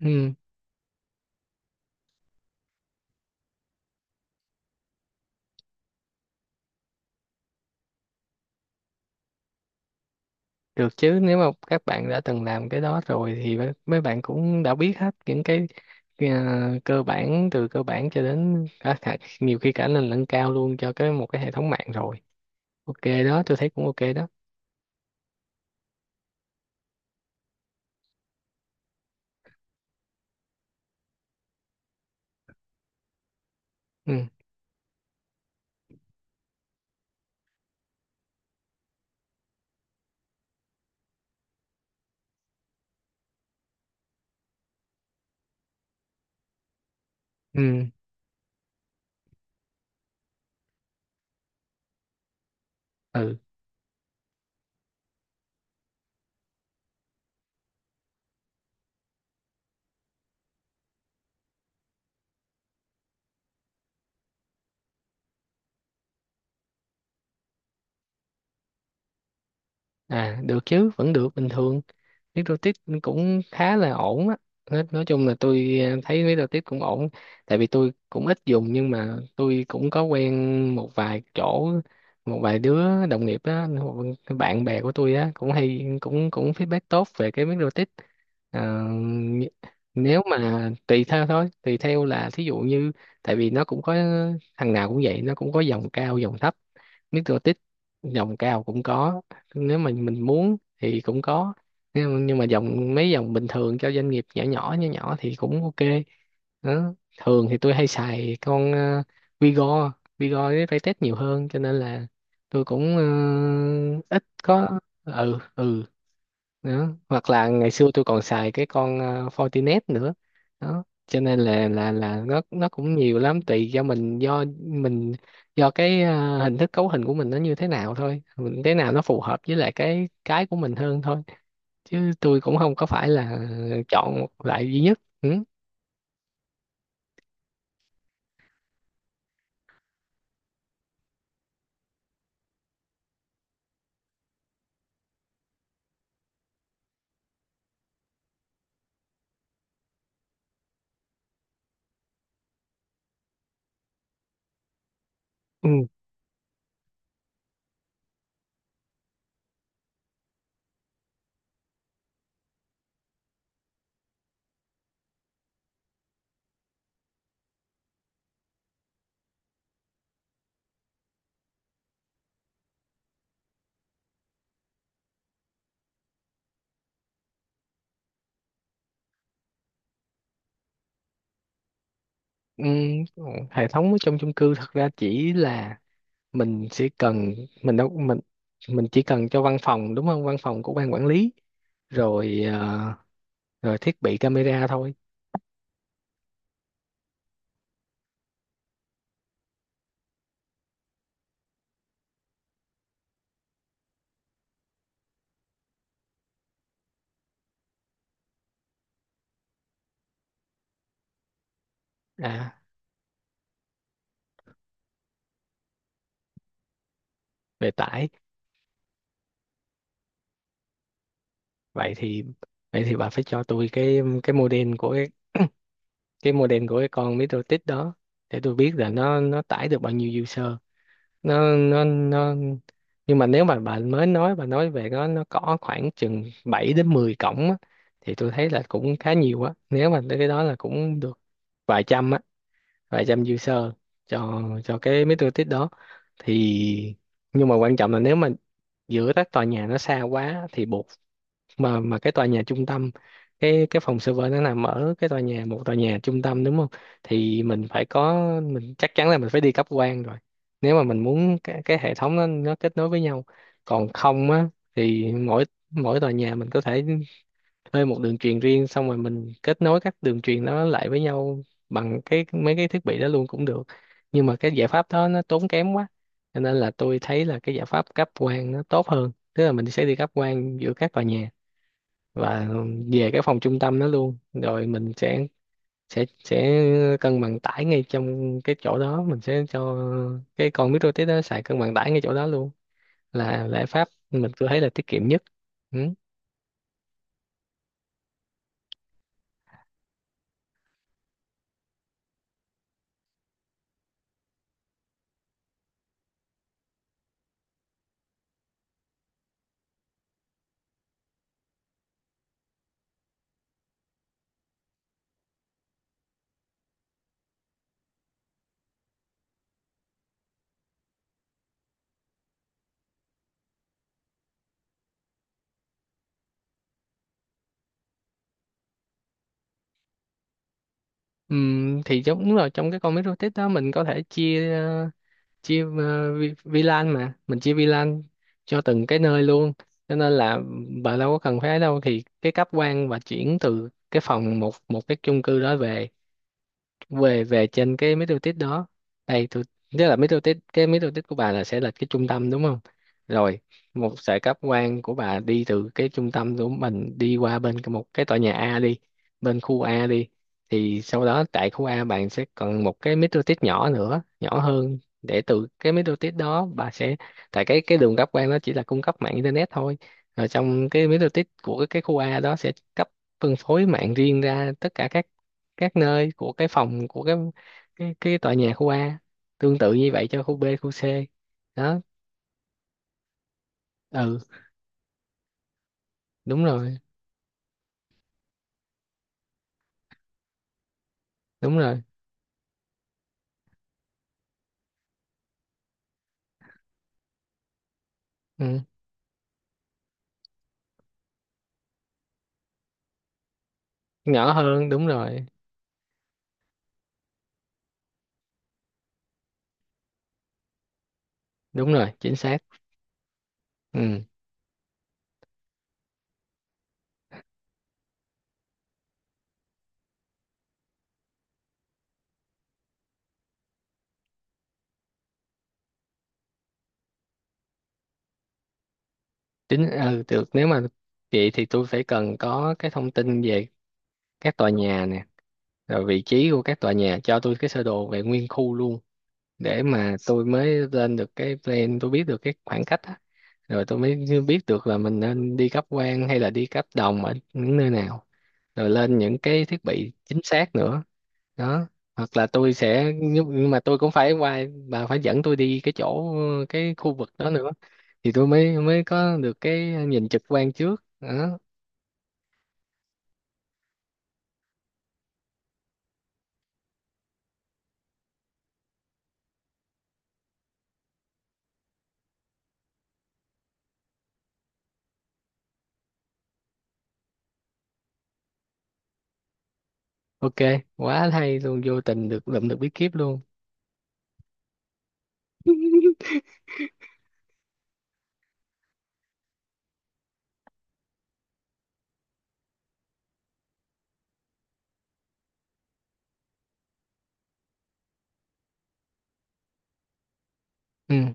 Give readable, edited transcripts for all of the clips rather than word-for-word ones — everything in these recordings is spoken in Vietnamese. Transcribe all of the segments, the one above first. Ừ, Được chứ, nếu mà các bạn đã từng làm cái đó rồi thì mấy mấy bạn cũng đã biết hết những cái cơ bản, từ cơ bản cho đến cả, nhiều khi cả lên lẫn cao luôn cho một cái hệ thống mạng rồi. Ok đó, tôi thấy cũng ok đó. ừ ừ ừ À, được chứ, vẫn được bình thường. Nước rô cũng khá là ổn á. Nói chung là tôi thấy nước rô cũng ổn, tại vì tôi cũng ít dùng nhưng mà tôi cũng có quen một vài chỗ, một vài đứa đồng nghiệp á, bạn bè của tôi á cũng hay, cũng cũng feedback tốt về cái nước rô. Ờ, nh- Nếu mà tùy theo thôi, tùy theo là thí dụ như, tại vì nó cũng có, thằng nào cũng vậy, nó cũng có dòng cao dòng thấp. Mixotic dòng cao cũng có, nếu mà mình muốn thì cũng có, nhưng mà dòng, mấy dòng bình thường cho doanh nghiệp nhỏ nhỏ thì cũng ok đó. Thường thì tôi hay xài con Vigo, Vigo với Raytest nhiều hơn, cho nên là tôi cũng ít có, ừ ừ. Đó, hoặc là ngày xưa tôi còn xài cái con Fortinet nữa đó. Cho nên là nó, cũng nhiều lắm, tùy do mình, do cái hình thức cấu hình của mình nó như thế nào thôi, mình thế nào nó phù hợp với lại cái của mình hơn thôi. Chứ tôi cũng không có phải là chọn một loại duy nhất. Ừ. Ừ. Ừ. Hệ thống ở trong chung cư thật ra chỉ là mình sẽ cần, mình đâu mình chỉ cần cho văn phòng, đúng không, văn phòng của ban quản lý, rồi rồi thiết bị camera thôi. À, về tải. Vậy thì, bà phải cho tôi cái model của cái model của cái con MetroTik đó, để tôi biết là nó tải được bao nhiêu user. Nó Nhưng mà nếu mà bà mới nói, bà nói về nó có khoảng chừng 7 đến 10 cổng á, thì tôi thấy là cũng khá nhiều á, nếu mà tới cái đó là cũng được. Vài trăm á, vài trăm user cho cái MetroTik đó. Thì, nhưng mà quan trọng là nếu mà giữa các tòa nhà nó xa quá thì buộc, mà cái tòa nhà trung tâm, cái phòng server nó nằm ở cái tòa nhà, một tòa nhà trung tâm, đúng không, thì mình phải có, mình chắc chắn là mình phải đi cấp quang rồi, nếu mà mình muốn cái hệ thống nó kết nối với nhau. Còn không á thì mỗi mỗi tòa nhà mình có thể thuê một đường truyền riêng, xong rồi mình kết nối các đường truyền đó lại với nhau bằng mấy cái thiết bị đó luôn cũng được, nhưng mà cái giải pháp đó nó tốn kém quá. Cho nên là tôi thấy là cái giải pháp cấp quang nó tốt hơn, tức là mình sẽ đi cấp quang giữa các tòa nhà và về cái phòng trung tâm đó luôn, rồi mình sẽ sẽ sẽ cân bằng tải ngay trong cái chỗ đó, mình sẽ cho cái con micro:tik đó xài cân bằng tải ngay chỗ đó luôn, là giải pháp tôi thấy là tiết kiệm nhất. Ừ. Thì giống, đúng rồi, trong cái con micro:tik đó mình có thể chia chia VLAN, mà mình chia VLAN cho từng cái nơi luôn. Cho nên là bà đâu có cần phải ấy đâu, thì cái cáp quang và chuyển từ cái phòng, một một cái chung cư đó về về về trên cái middle test đó. Đây tôi, tức là middle test, cái middle test của bà là sẽ là cái trung tâm đúng không, rồi một sợi cáp quang của bà đi từ cái trung tâm của mình đi qua một cái tòa nhà A đi, bên khu A đi, thì sau đó tại khu A bạn sẽ còn một cái middle test nhỏ nữa, nhỏ hơn, để từ cái middle test đó bà sẽ, tại cái đường cáp quang nó chỉ là cung cấp mạng internet thôi, rồi trong cái middle test của cái khu A đó sẽ cấp, phân phối mạng riêng ra tất cả các nơi của cái phòng, của cái cái tòa nhà khu A, tương tự như vậy cho khu B khu C đó. Ừ. đúng rồi Đúng rồi. Ừ. Nhỏ hơn, đúng rồi. Đúng rồi, chính xác. Ừ. Chính, ừ, được nếu mà, vậy thì tôi phải cần có cái thông tin về các tòa nhà nè, rồi vị trí của các tòa nhà, cho tôi cái sơ đồ về nguyên khu luôn, để mà tôi mới lên được cái plan, tôi biết được cái khoảng cách á, rồi tôi mới biết được là mình nên đi cáp quang hay là đi cáp đồng ở những nơi nào, rồi lên những cái thiết bị chính xác nữa. Đó, hoặc là tôi sẽ, nhưng mà tôi cũng phải qua, bà phải dẫn tôi đi cái chỗ, cái khu vực đó nữa, thì tôi mới mới có được cái nhìn trực quan trước đó. Ok, quá hay luôn, vô tình được lượm được bí kíp luôn. Ừ.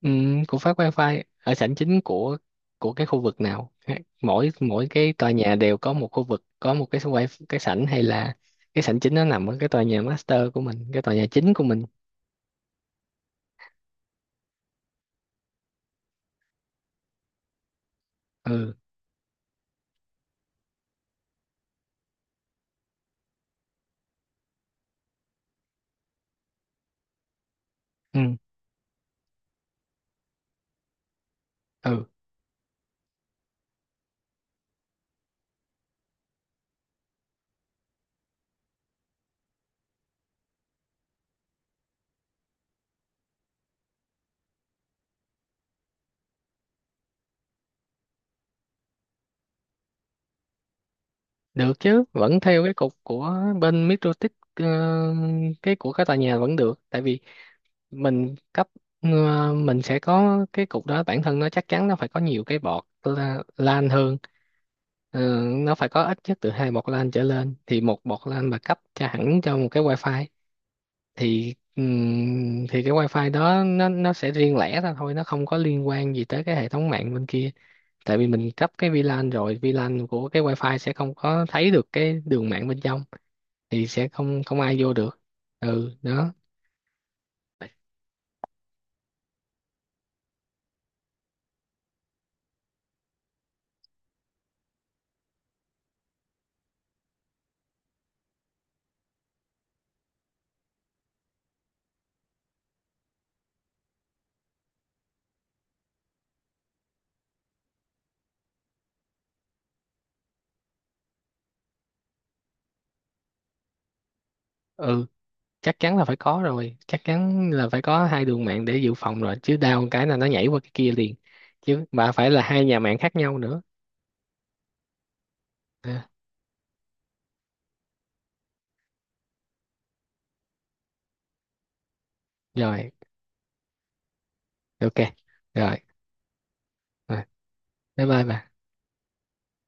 Ừ. Của phát wifi ở sảnh chính của cái khu vực nào, mỗi mỗi cái tòa nhà đều có một khu vực có một cái wifi, cái sảnh, hay là cái sảnh chính nó nằm ở cái tòa nhà master của mình, cái tòa nhà chính của mình. Ừ. Ừ, ừ, được chứ, vẫn theo cái cục của bên Microtik, cái của cái tòa nhà vẫn được. Tại vì mình cấp, ờ, mình sẽ có cái cục đó, bản thân nó chắc chắn nó phải có nhiều cái bọt, lan hơn. Ờ, nó phải có ít nhất từ hai bọt lan trở lên, thì một bọt lan mà cấp cho hẳn cho một cái wifi, thì cái wifi đó nó sẽ riêng lẻ ra thôi, nó không có liên quan gì tới cái hệ thống mạng bên kia. Tại vì mình cấp cái VLAN, rồi VLAN của cái wifi sẽ không có thấy được cái đường mạng bên trong, thì sẽ không không ai vô được. Ừ, đó. Ừ, chắc chắn là phải có rồi, chắc chắn là phải có hai đường mạng để dự phòng rồi, chứ đau một cái là nó nhảy qua cái kia liền, chứ mà phải là hai nhà mạng khác nhau nữa. À, rồi, ok, rồi, rồi. Bye bye bà.